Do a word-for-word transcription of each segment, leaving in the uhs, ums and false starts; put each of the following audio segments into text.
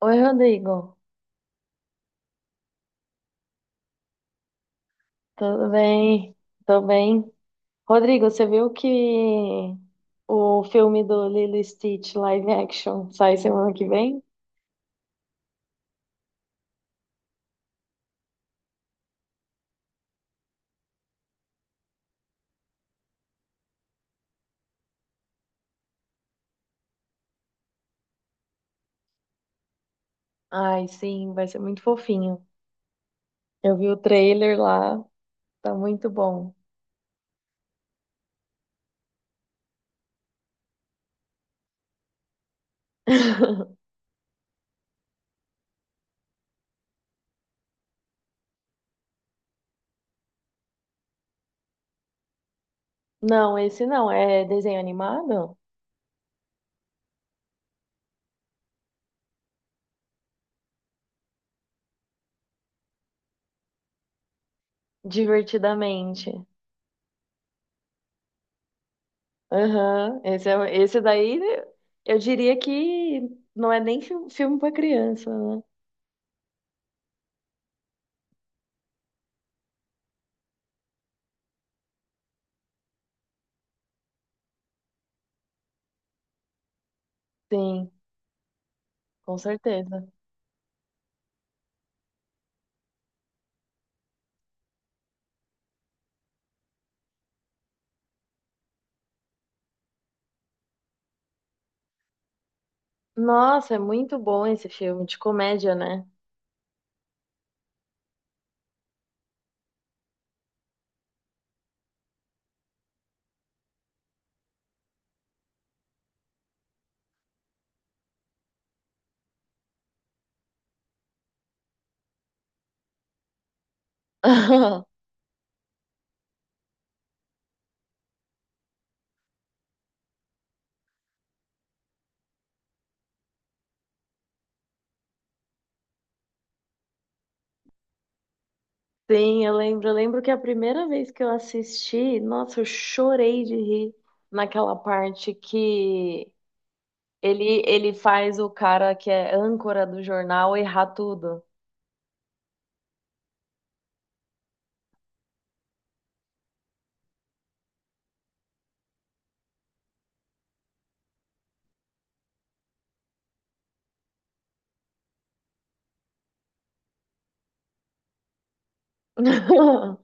Oi, Rodrigo. Tudo bem? Tô bem. Rodrigo, você viu que o filme do Lilo e Stitch live action sai semana que vem? Ai, sim, vai ser muito fofinho. Eu vi o trailer lá, tá muito bom. Não, esse não, é desenho animado? Divertidamente. Aham, esse, é, esse daí eu diria que não é nem fi- filme pra criança, né? Sim, com certeza. Nossa, é muito bom esse filme de comédia, né? Sim, eu lembro. Eu lembro que a primeira vez que eu assisti, nossa, eu chorei de rir naquela parte que ele, ele faz o cara que é âncora do jornal errar tudo.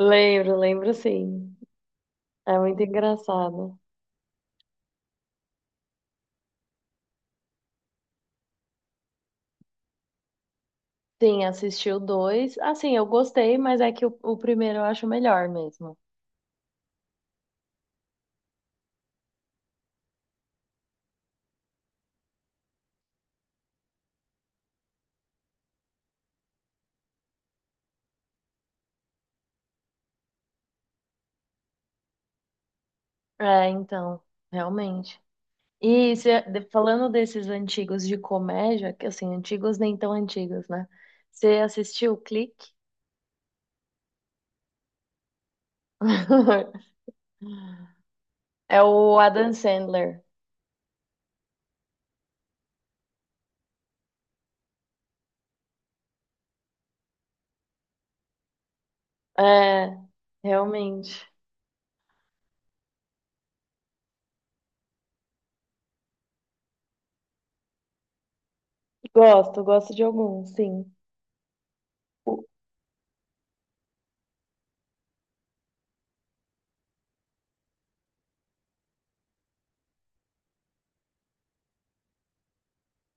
Lembro, lembro sim. É muito engraçado. Sim, assisti o dois. Assim, eu gostei, mas é que o, o primeiro eu acho melhor mesmo. É, então, realmente. E cê- de- falando desses antigos de comédia, que assim, antigos nem tão antigos, né? Você assistiu o Clique? É o Adam Sandler. É, realmente. Gosto, gosto de alguns, sim.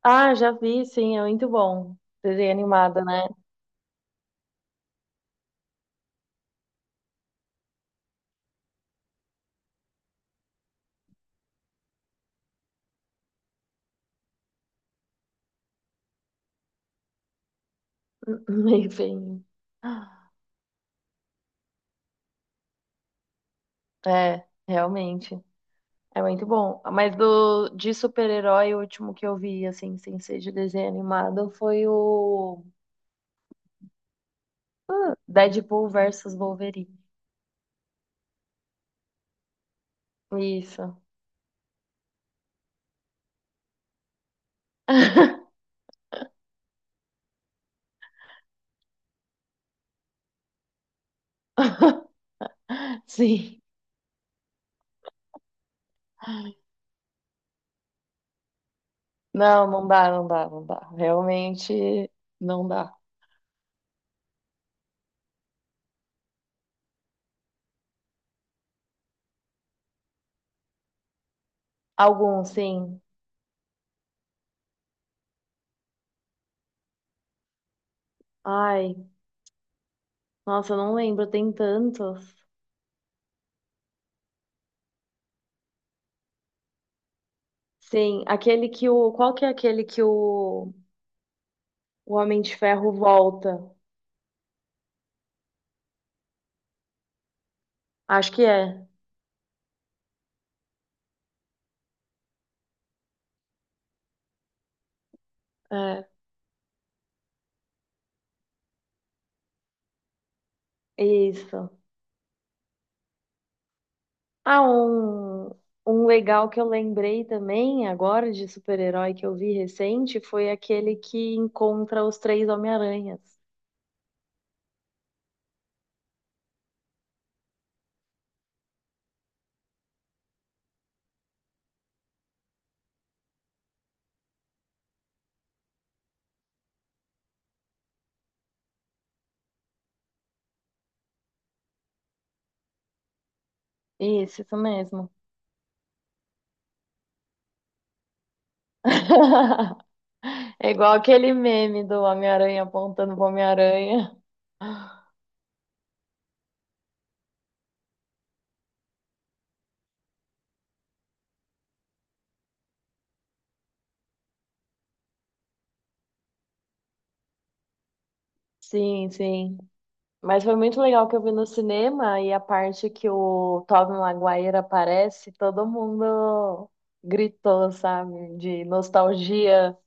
Ah, já vi, sim, é muito bom. Desenho animado, né? Meio feinho. É, realmente. É muito bom. Mas do, de super-herói, o último que eu vi, assim, sem ser de desenho animado, foi o Uh, Deadpool versus Wolverine. Isso. Sim. Não, não dá, não dá, não dá. Realmente não dá. Alguns, sim. Ai, nossa, eu não lembro, tem tantos. Sim, aquele que o. Qual que é aquele que o, o Homem de Ferro volta? Acho que é. É, isso. Ah, um, um legal que eu lembrei também agora de super-herói que eu vi recente foi aquele que encontra os três Homem-Aranhas. Isso, isso mesmo. É igual aquele meme do Homem-Aranha apontando pro Homem-Aranha. Sim, sim. Mas foi muito legal que eu vi no cinema e a parte que o Tobey Maguire aparece, todo mundo gritou, sabe? De nostalgia.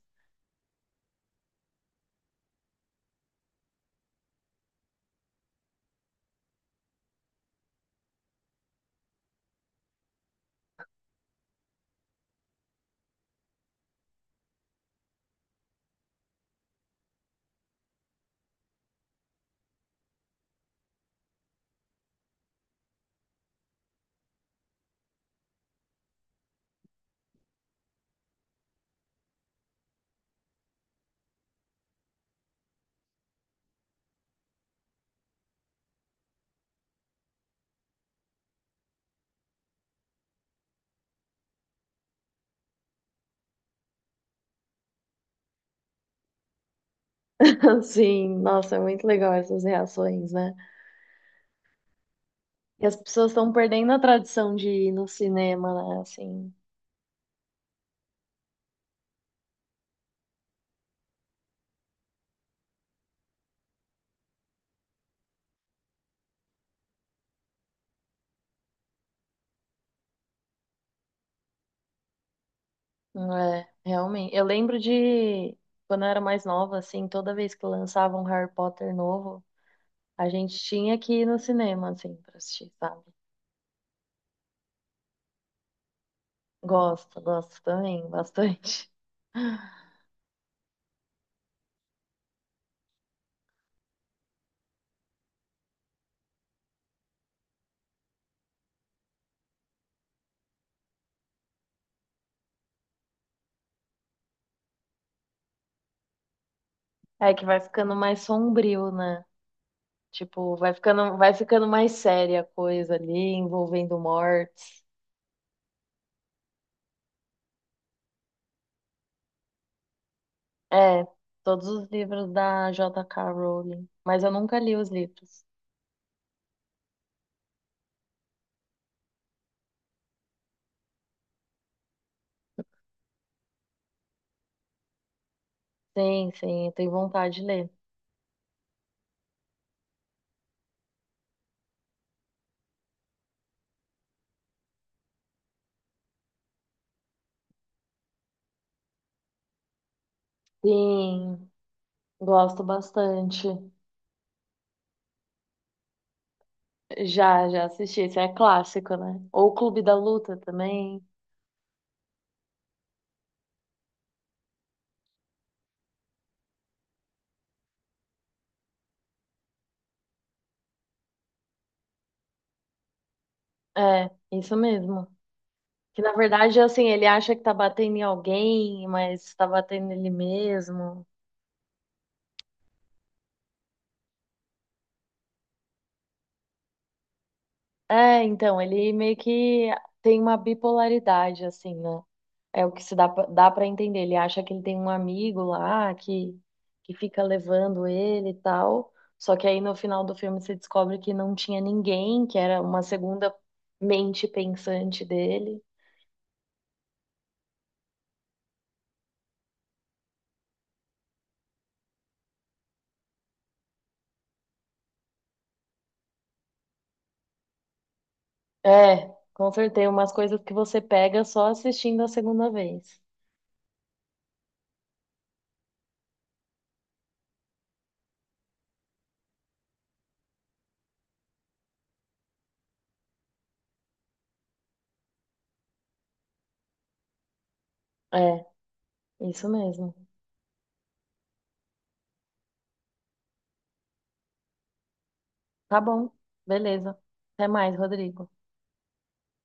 Sim, nossa, é muito legal essas reações, né? E as pessoas estão perdendo a tradição de ir no cinema, né? Assim, não é, realmente. Eu lembro de quando eu era mais nova, assim, toda vez que lançava um Harry Potter novo, a gente tinha que ir no cinema, assim, pra assistir, sabe? Gosto, gosto também, bastante. É que vai ficando mais sombrio, né? Tipo, vai ficando, vai ficando mais séria a coisa ali, envolvendo mortes. É, todos os livros da J K. Rowling. Mas eu nunca li os livros. Sim, sim, eu tenho vontade de ler. Sim, gosto bastante. Já, já assisti. Isso é clássico, né? Ou o Clube da Luta também. É, isso mesmo. Que na verdade, assim, ele acha que tá batendo em alguém, mas tá batendo nele mesmo. É, então, ele meio que tem uma bipolaridade, assim, né? É o que se dá, pra- dá para entender. Ele acha que ele tem um amigo lá que, que fica levando ele e tal. Só que aí no final do filme você descobre que não tinha ninguém, que era uma segunda mente pensante dele. É, com certeza, umas coisas que você pega só assistindo a segunda vez. É, isso mesmo. Tá bom, beleza. Até mais, Rodrigo.